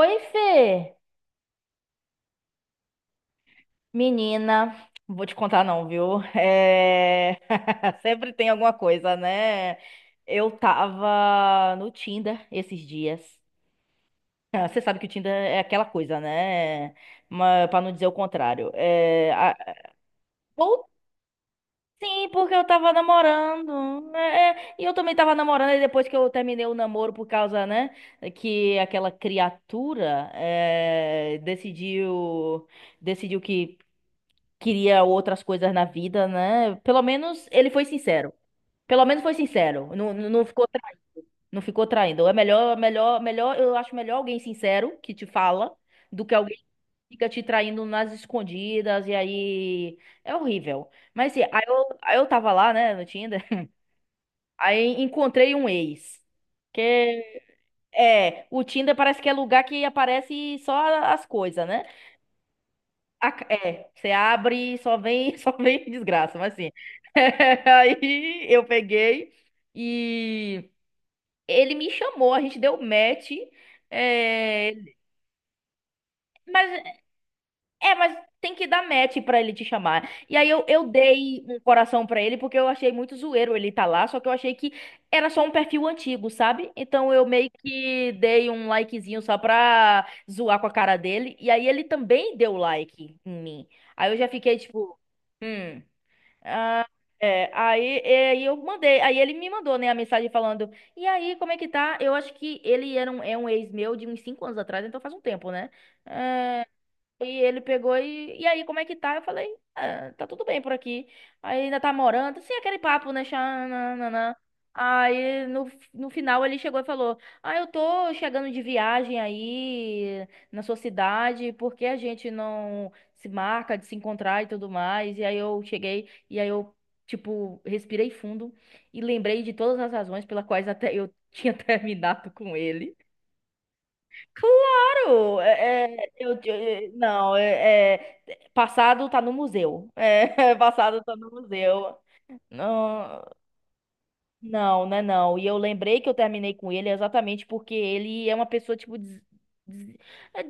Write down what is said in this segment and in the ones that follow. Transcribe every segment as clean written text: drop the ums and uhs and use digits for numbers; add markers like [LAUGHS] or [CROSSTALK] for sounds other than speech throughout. Oi, Fê! Menina, não vou te contar não, viu? [LAUGHS] Sempre tem alguma coisa, né? Eu tava no Tinder esses dias. Ah, você sabe que o Tinder é aquela coisa, né? Mas, pra não dizer o contrário. Ou sim, porque eu tava namorando. E eu também tava namorando, e depois que eu terminei o namoro por causa, né? Que aquela criatura decidiu que queria outras coisas na vida, né? Pelo menos ele foi sincero. Pelo menos foi sincero. Não, não ficou traindo. Não ficou traindo. Eu acho melhor alguém sincero que te fala do que alguém que fica te traindo nas escondidas e aí é horrível. Mas assim, aí eu tava lá, né, no Tinder, [LAUGHS] aí encontrei um ex. Que o Tinder parece que é lugar que aparece só as coisas, né? Você abre e só vem, [LAUGHS] só vem desgraça, mas assim. [LAUGHS] Aí eu peguei e ele me chamou, a gente deu match. é, mas mas tem que dar match pra ele te chamar. Eu dei um coração pra ele porque eu achei muito zoeiro ele tá lá, só que eu achei que era só um perfil antigo, sabe? Então eu meio que dei um likezinho só pra zoar com a cara dele. E aí ele também deu like em mim. Aí eu já fiquei tipo, hum. Ah, aí eu mandei, aí ele me mandou, né, a mensagem falando, e aí, como é que tá? Eu acho que ele era um ex meu de uns 5 anos atrás, então faz um tempo, né? E aí, como é que tá? Eu falei, ah, tá tudo bem por aqui. Aí ainda tá morando, assim, aquele papo, né? Xananana. Aí no, no final ele chegou e falou: ah, eu tô chegando de viagem aí na sua cidade, por que a gente não se marca de se encontrar e tudo mais? E aí eu cheguei, e aí eu, tipo, respirei fundo e lembrei de todas as razões pelas quais até eu tinha [LAUGHS] terminado com ele. Claro, é, é, eu- não, é, é, passado tá no museu. É, [LAUGHS] passado tá no museu. Não, não, né, não. E eu lembrei que eu terminei com ele exatamente porque ele é uma pessoa, tipo, des- é,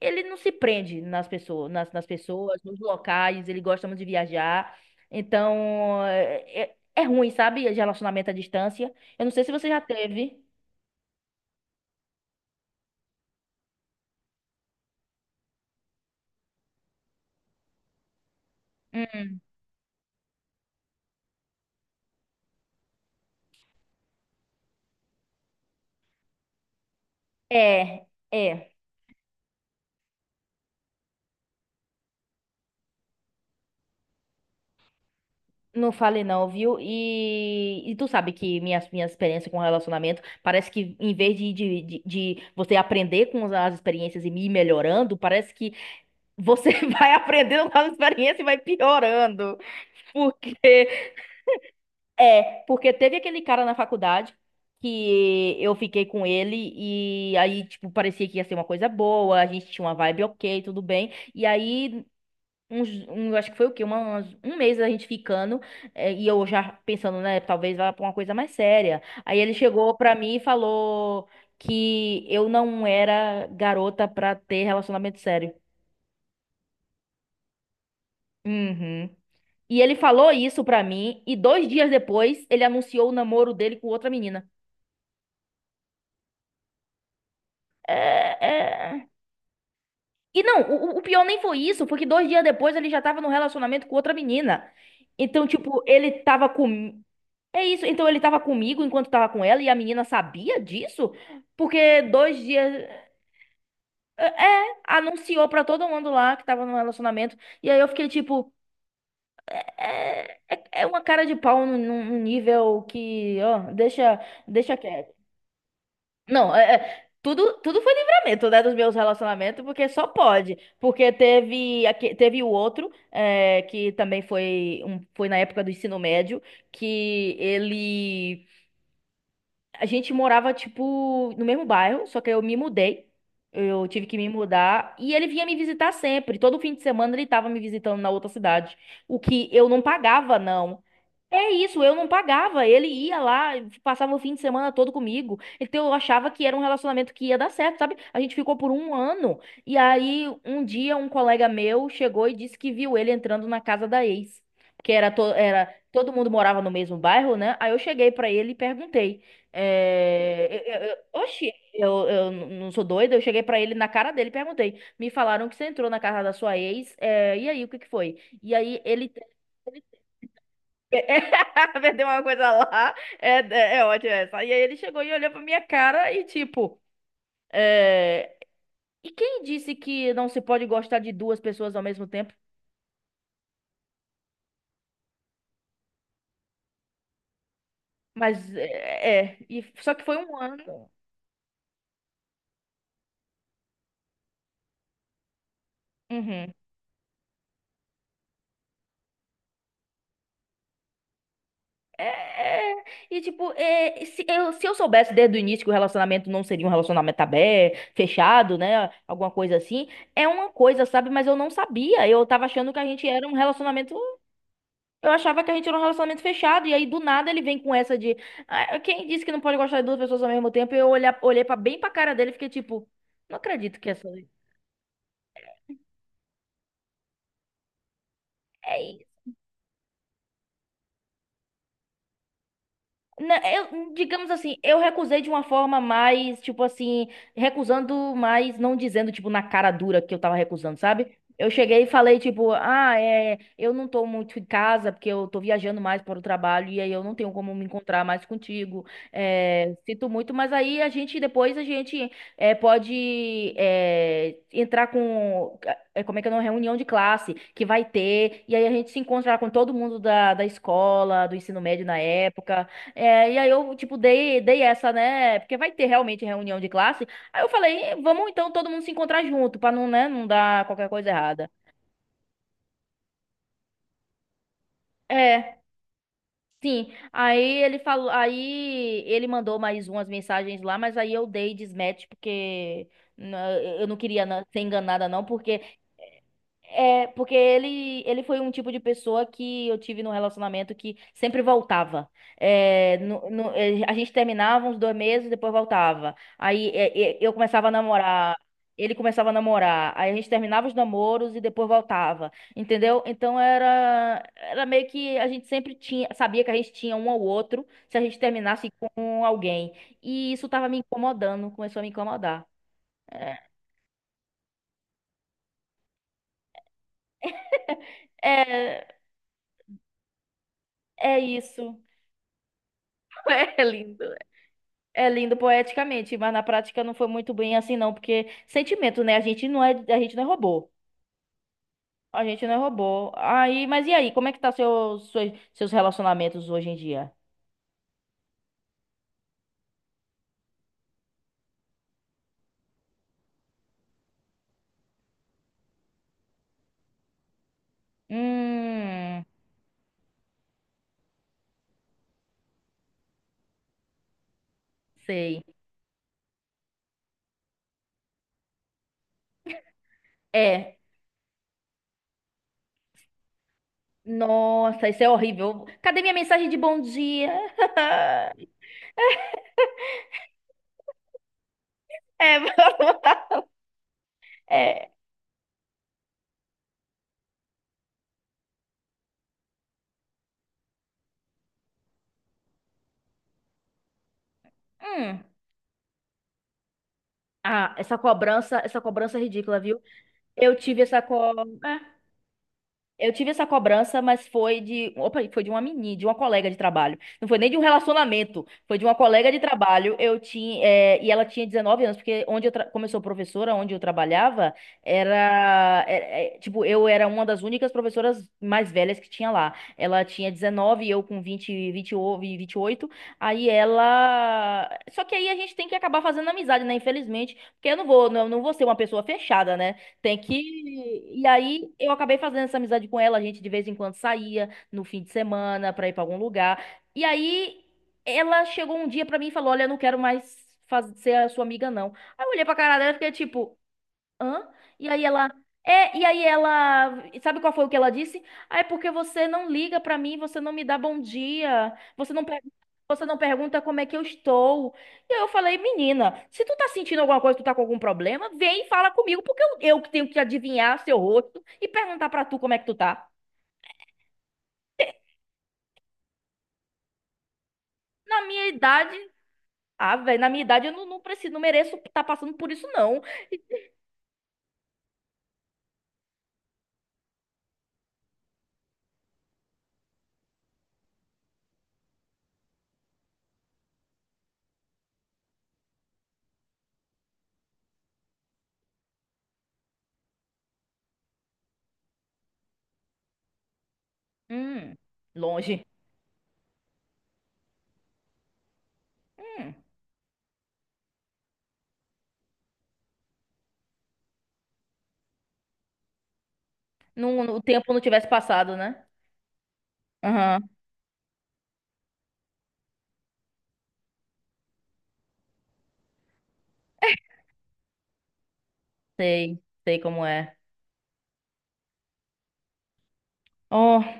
ele não se prende nas pessoas, nas pessoas, nos locais, ele gosta muito de viajar. Então, é ruim, sabe? De relacionamento à distância. Eu não sei se você já teve. Hum. É, é. Não falei não, viu? E tu sabe que minha experiência com relacionamento parece que em vez de, de você aprender com as experiências e ir melhorando, parece que você [LAUGHS] vai aprendendo com as experiências e vai piorando. Porque porque teve aquele cara na faculdade que eu fiquei com ele e aí tipo parecia que ia ser uma coisa boa, a gente tinha uma vibe ok, tudo bem. E aí eu acho que foi o quê? Um mês a gente ficando, e eu já pensando, né? Talvez vá pra uma coisa mais séria. Aí ele chegou pra mim e falou que eu não era garota pra ter relacionamento sério. Uhum. E ele falou isso pra mim, e 2 dias depois ele anunciou o namoro dele com outra menina. É, é... E não, o pior nem foi isso, porque 2 dias depois ele já tava num relacionamento com outra menina. Então, tipo, ele tava com. É isso. Então ele tava comigo enquanto tava com ela e a menina sabia disso? Porque dois dias. Anunciou pra todo mundo lá que tava num relacionamento. E aí eu fiquei tipo. É uma cara de pau num nível que. Ó, deixa quieto. Não, é. É, tudo foi livramento, né, dos meus relacionamentos, porque só pode. Porque teve, teve o outro, que também foi, foi na época do ensino médio, que ele a gente morava, tipo, no mesmo bairro, só que eu me mudei. Eu tive que me mudar. E ele vinha me visitar sempre. Todo fim de semana ele tava me visitando na outra cidade. O que eu não pagava, não. É isso, eu não pagava. Ele ia lá, passava o fim de semana todo comigo. Então eu achava que era um relacionamento que ia dar certo, sabe? A gente ficou por um ano. E aí, um dia, um colega meu chegou e disse que viu ele entrando na casa da ex. Porque era, to era todo mundo morava no mesmo bairro, né? Aí eu cheguei pra ele e perguntei. Oxi, eu não sou doida. Eu cheguei pra ele na cara dele e perguntei. Me falaram que você entrou na casa da sua ex. E aí, o que que foi? E aí ele. [LAUGHS] Vendeu uma coisa lá. É ótimo essa. E aí ele chegou e olhou pra minha cara e tipo, é... e quem disse que não se pode gostar de duas pessoas ao mesmo tempo? Mas é, é. E, só que foi um ano. Uhum. É, é. Se eu soubesse desde o início que o relacionamento não seria um relacionamento aberto, fechado, né? Alguma coisa assim, é uma coisa, sabe? Mas eu não sabia. Eu tava achando que a gente era um relacionamento. Eu achava que a gente era um relacionamento fechado, e aí do nada ele vem com essa de: "ah, quem disse que não pode gostar de duas pessoas ao mesmo tempo?" Olhei pra, bem pra cara dele e fiquei tipo, não acredito que essa. É, Não, eu, digamos assim, eu recusei de uma forma mais, tipo assim, recusando, mas não dizendo, tipo, na cara dura que eu tava recusando, sabe? Eu cheguei e falei, tipo, ah, é, eu não tô muito em casa porque eu tô viajando mais para o trabalho e aí eu não tenho como me encontrar mais contigo. É, sinto muito, mas depois a gente pode entrar com, como é que é, uma reunião de classe que vai ter e aí a gente se encontra com todo mundo da escola, do ensino médio na época. É, e aí eu, tipo, dei essa, né? Porque vai ter realmente reunião de classe. Aí eu falei, "eh, vamos então todo mundo se encontrar junto, pra não, né, não dar qualquer coisa errada." É, sim. Aí ele falou, aí ele mandou mais umas mensagens lá, mas aí eu dei desmatch porque né, eu não queria ser enganada não, porque ele foi um tipo de pessoa que eu tive num relacionamento que sempre voltava. A gente terminava uns 2 meses, depois voltava. Eu começava a namorar, ele começava a namorar. Aí a gente terminava os namoros e depois voltava. Entendeu? Então era, era meio que a gente sempre tinha, sabia que a gente tinha um ao outro se a gente terminasse com alguém. E isso tava me incomodando, começou a me incomodar. É, é, é isso. [LAUGHS] É lindo. É lindo poeticamente, mas na prática não foi muito bem assim, não, porque sentimento, né? A gente não é, a gente não é robô. A gente não é robô. Aí, mas e aí, como é que tá seus relacionamentos hoje em dia? Hum, sei. É. Nossa, isso é horrível. Cadê minha mensagem de bom dia? [LAUGHS] É, [LAUGHS] é. Hum. Ah, essa cobrança é ridícula, viu? Eu tive essa cobrança. Eu tive essa cobrança, mas foi de, opa, foi de uma menina, de uma colega de trabalho. Não foi nem de um relacionamento, foi de uma colega de trabalho. E ela tinha 19 anos, porque onde eu começou professora, onde eu trabalhava, é, tipo, eu era uma das únicas professoras mais velhas que tinha lá. Ela tinha 19 e eu com 20, vinte e oito. Só que aí a gente tem que acabar fazendo amizade, né? Infelizmente, porque eu não vou, não, não vou ser uma pessoa fechada, né? Tem que. E aí eu acabei fazendo essa amizade com ela. A gente de vez em quando saía no fim de semana pra ir pra algum lugar. E aí ela chegou um dia pra mim e falou: olha, eu não quero mais ser a sua amiga, não. Aí eu olhei pra cara dela e fiquei tipo. Hã? E aí ela. E aí ela. Sabe qual foi o que ela disse? Ah, é porque você não liga pra mim, você não me dá bom dia, você não pergunta como é que eu estou. E aí eu falei, menina, se tu tá sentindo alguma coisa, tu tá com algum problema, vem e fala comigo, porque eu que tenho que adivinhar seu rosto e perguntar pra tu como é que tu tá. Na minha idade. Ah, velho, na minha idade eu não, não preciso, não mereço estar tá passando por isso, não. Hum, longe. Hum, não, o tempo não tivesse passado, né? Aham. Sei, sei como é. Oh,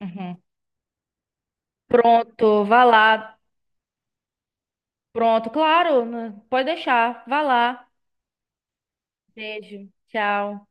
uhum. Pronto, vá lá. Pronto, claro, né? Pode deixar. Vá lá. Beijo. Tchau.